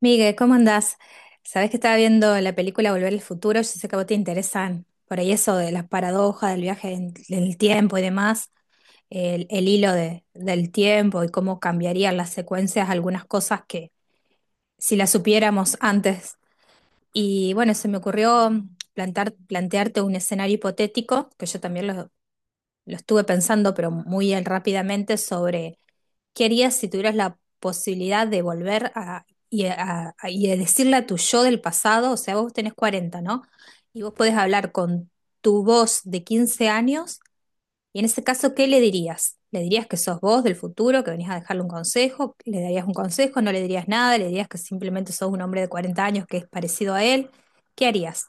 Miguel, ¿cómo andás? Sabés que estaba viendo la película Volver al Futuro. Yo sé que a vos te interesan por ahí eso de las paradojas del viaje en el tiempo y demás, el del tiempo y cómo cambiarían las secuencias algunas cosas que si las supiéramos antes. Y bueno, se me ocurrió plantearte un escenario hipotético, que yo también lo estuve pensando, pero muy rápidamente, sobre ¿qué harías si tuvieras la posibilidad de volver a, y, a- a- y de decirle a tu yo del pasado? O sea, vos tenés 40, ¿no? Y vos podés hablar con tu voz de 15 años. Y en ese caso, ¿qué le dirías? ¿Le dirías que sos vos del futuro, que venís a dejarle un consejo? ¿Le darías un consejo? ¿No le dirías nada? ¿Le dirías que simplemente sos un hombre de 40 años que es parecido a él? ¿Qué harías?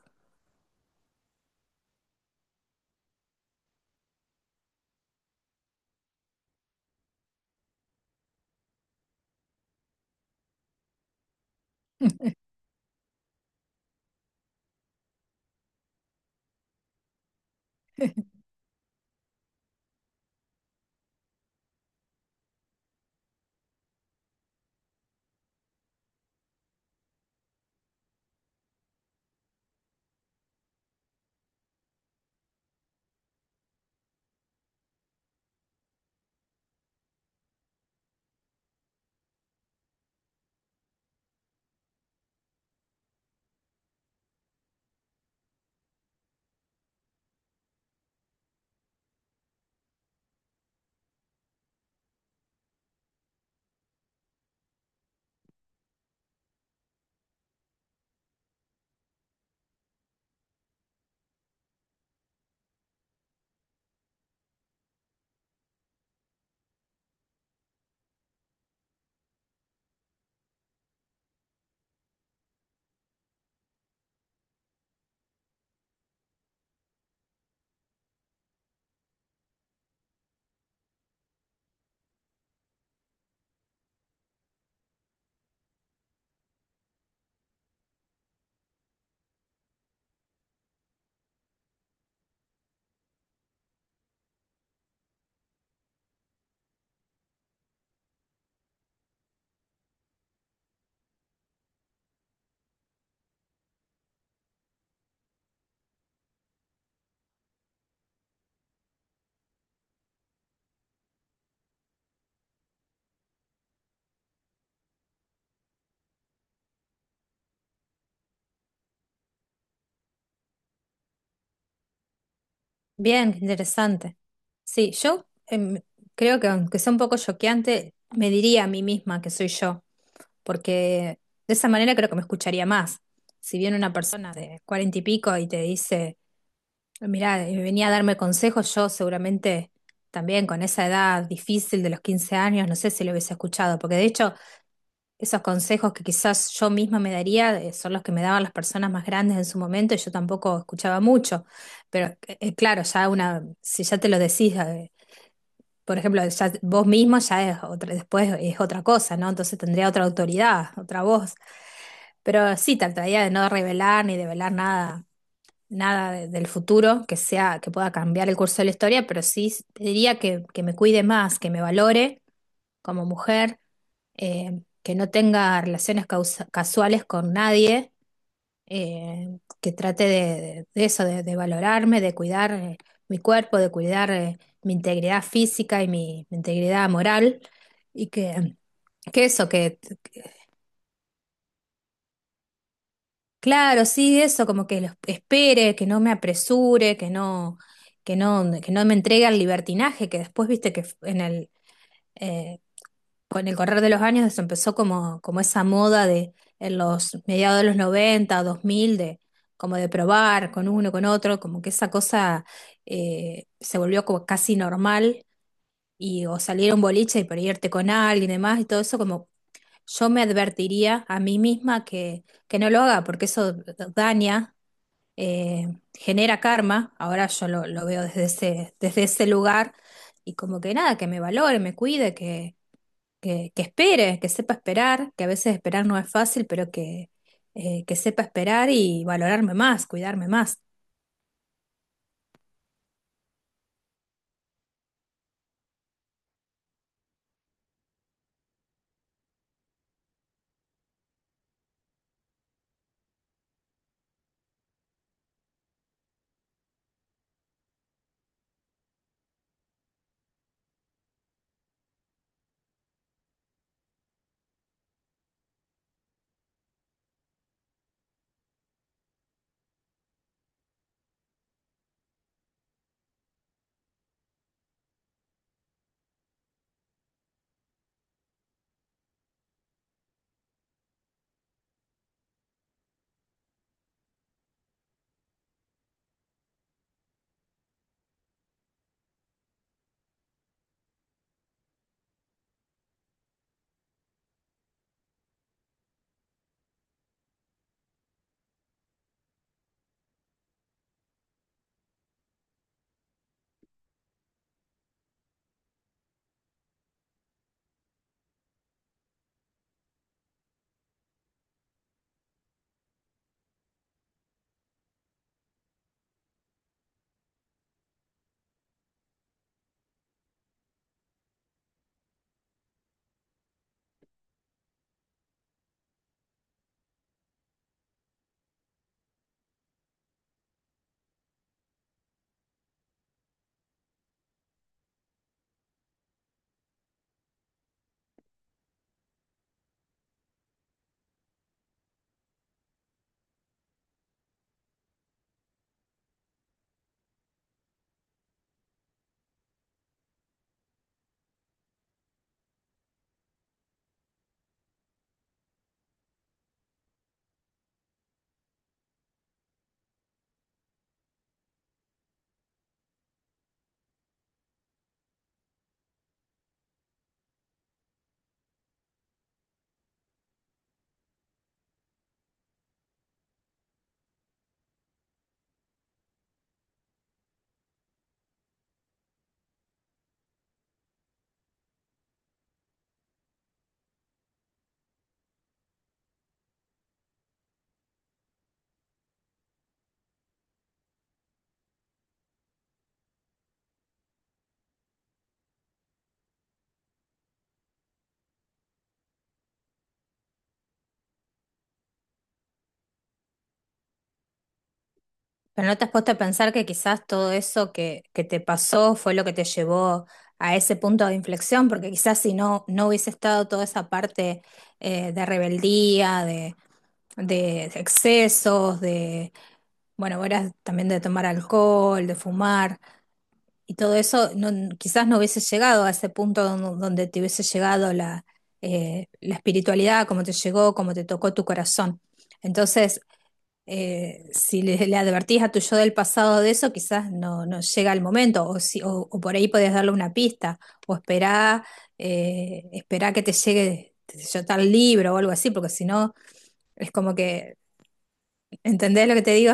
Bien, qué interesante. Sí, yo creo que aunque sea un poco choqueante, me diría a mí misma que soy yo, porque de esa manera creo que me escucharía más. Si viene una persona de cuarenta y pico y te dice, mira, venía a darme consejos, yo seguramente también con esa edad difícil de los 15 años, no sé si lo hubiese escuchado, porque de hecho esos consejos que quizás yo misma me daría son los que me daban las personas más grandes en su momento y yo tampoco escuchaba mucho. Pero claro, ya una, si ya te lo decís, por ejemplo, ya vos mismo ya es otra, después es otra cosa, ¿no? Entonces tendría otra autoridad, otra voz. Pero sí, trataría de no revelar ni develar nada, del futuro que sea, que pueda cambiar el curso de la historia, pero sí diría que me cuide más, que me valore como mujer, que no tenga casuales con nadie, que trate de eso, de valorarme, de cuidar mi cuerpo, de cuidar mi integridad física y mi integridad moral, y que eso, que- claro, sí, eso, como que lo espere, que no me apresure, que no me entregue al libertinaje, que después viste que en eh, con el correr de los años se empezó como, como esa moda de en los mediados de los noventa dos mil de como de probar con uno, con otro, como que esa cosa se volvió como casi normal y o salir a un boliche y por ahí irte con alguien y demás y todo eso como yo me advertiría a mí misma que no lo haga porque eso daña, eh, genera karma, ahora yo lo veo desde ese lugar y como que nada, que me valore, me cuide, que espere, que sepa esperar, que a veces esperar no es fácil, pero que sepa esperar y valorarme más, cuidarme más. Pero no te has puesto a pensar que quizás todo eso que te pasó fue lo que te llevó a ese punto de inflexión, porque quizás si no, no hubiese estado toda esa parte de rebeldía, de excesos, de, bueno, vos eras también de tomar alcohol, de fumar. Y todo eso quizás no hubiese llegado a ese punto donde te hubiese llegado la espiritualidad, como te llegó, como te tocó tu corazón. Entonces, si le, le advertís a tu yo del pasado de eso, quizás no, no llega el momento, o, si, o por ahí podés darle una pista, o esperá, esperá que te llegue, qué sé yo, tal libro o algo así, porque si no, es como que, ¿entendés lo que te digo?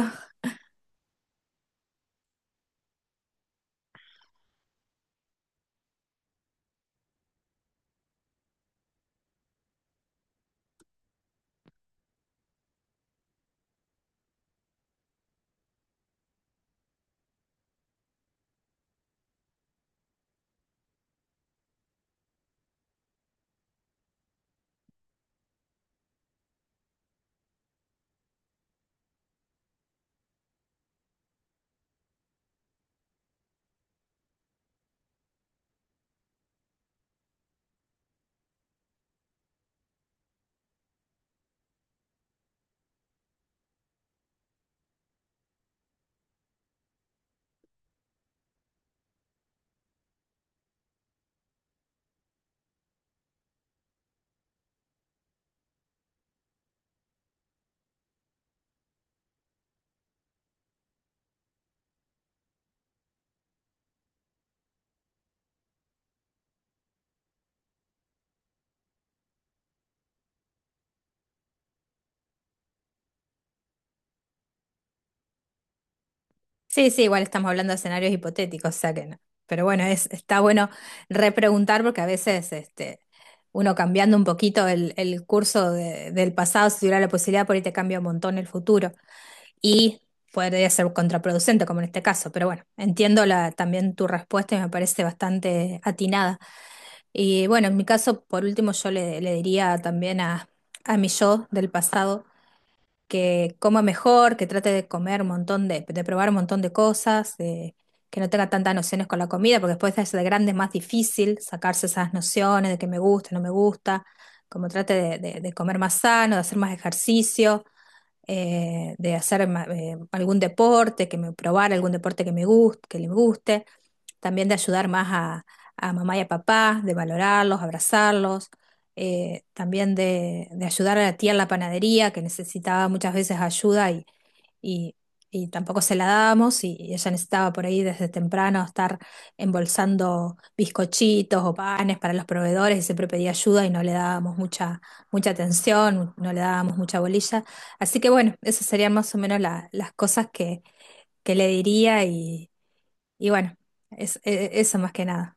Sí, sí, igual estamos hablando de escenarios hipotéticos, o sea que no. Pero bueno, es, está bueno repreguntar porque a veces este, uno cambiando un poquito el del pasado, si tuviera la posibilidad, por ahí te cambia un montón el futuro. Y podría ser contraproducente, como en este caso. Pero bueno, entiendo la, también tu respuesta y me parece bastante atinada. Y bueno, en mi caso, por último, yo le diría también a mi yo del pasado que coma mejor, que trate de comer un montón de probar un montón de cosas, que no tenga tantas nociones con la comida, porque después de ser grande es más difícil sacarse esas nociones de que me gusta, no me gusta, como trate de comer más sano, de hacer más ejercicio, de hacer algún deporte, que me probar algún deporte que me guste, que le guste, también de ayudar más a mamá y a papá, de valorarlos, abrazarlos, también de ayudar a la tía en la panadería, que necesitaba muchas veces ayuda y, y tampoco se la dábamos y ella necesitaba por ahí desde temprano estar embolsando bizcochitos o panes para los proveedores y siempre pedía ayuda y no le dábamos mucha atención, no le dábamos mucha bolilla. Así que bueno, esas serían más o menos las cosas que le diría y bueno, eso más que nada.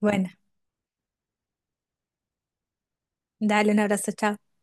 Bueno, dale un abrazo, chao.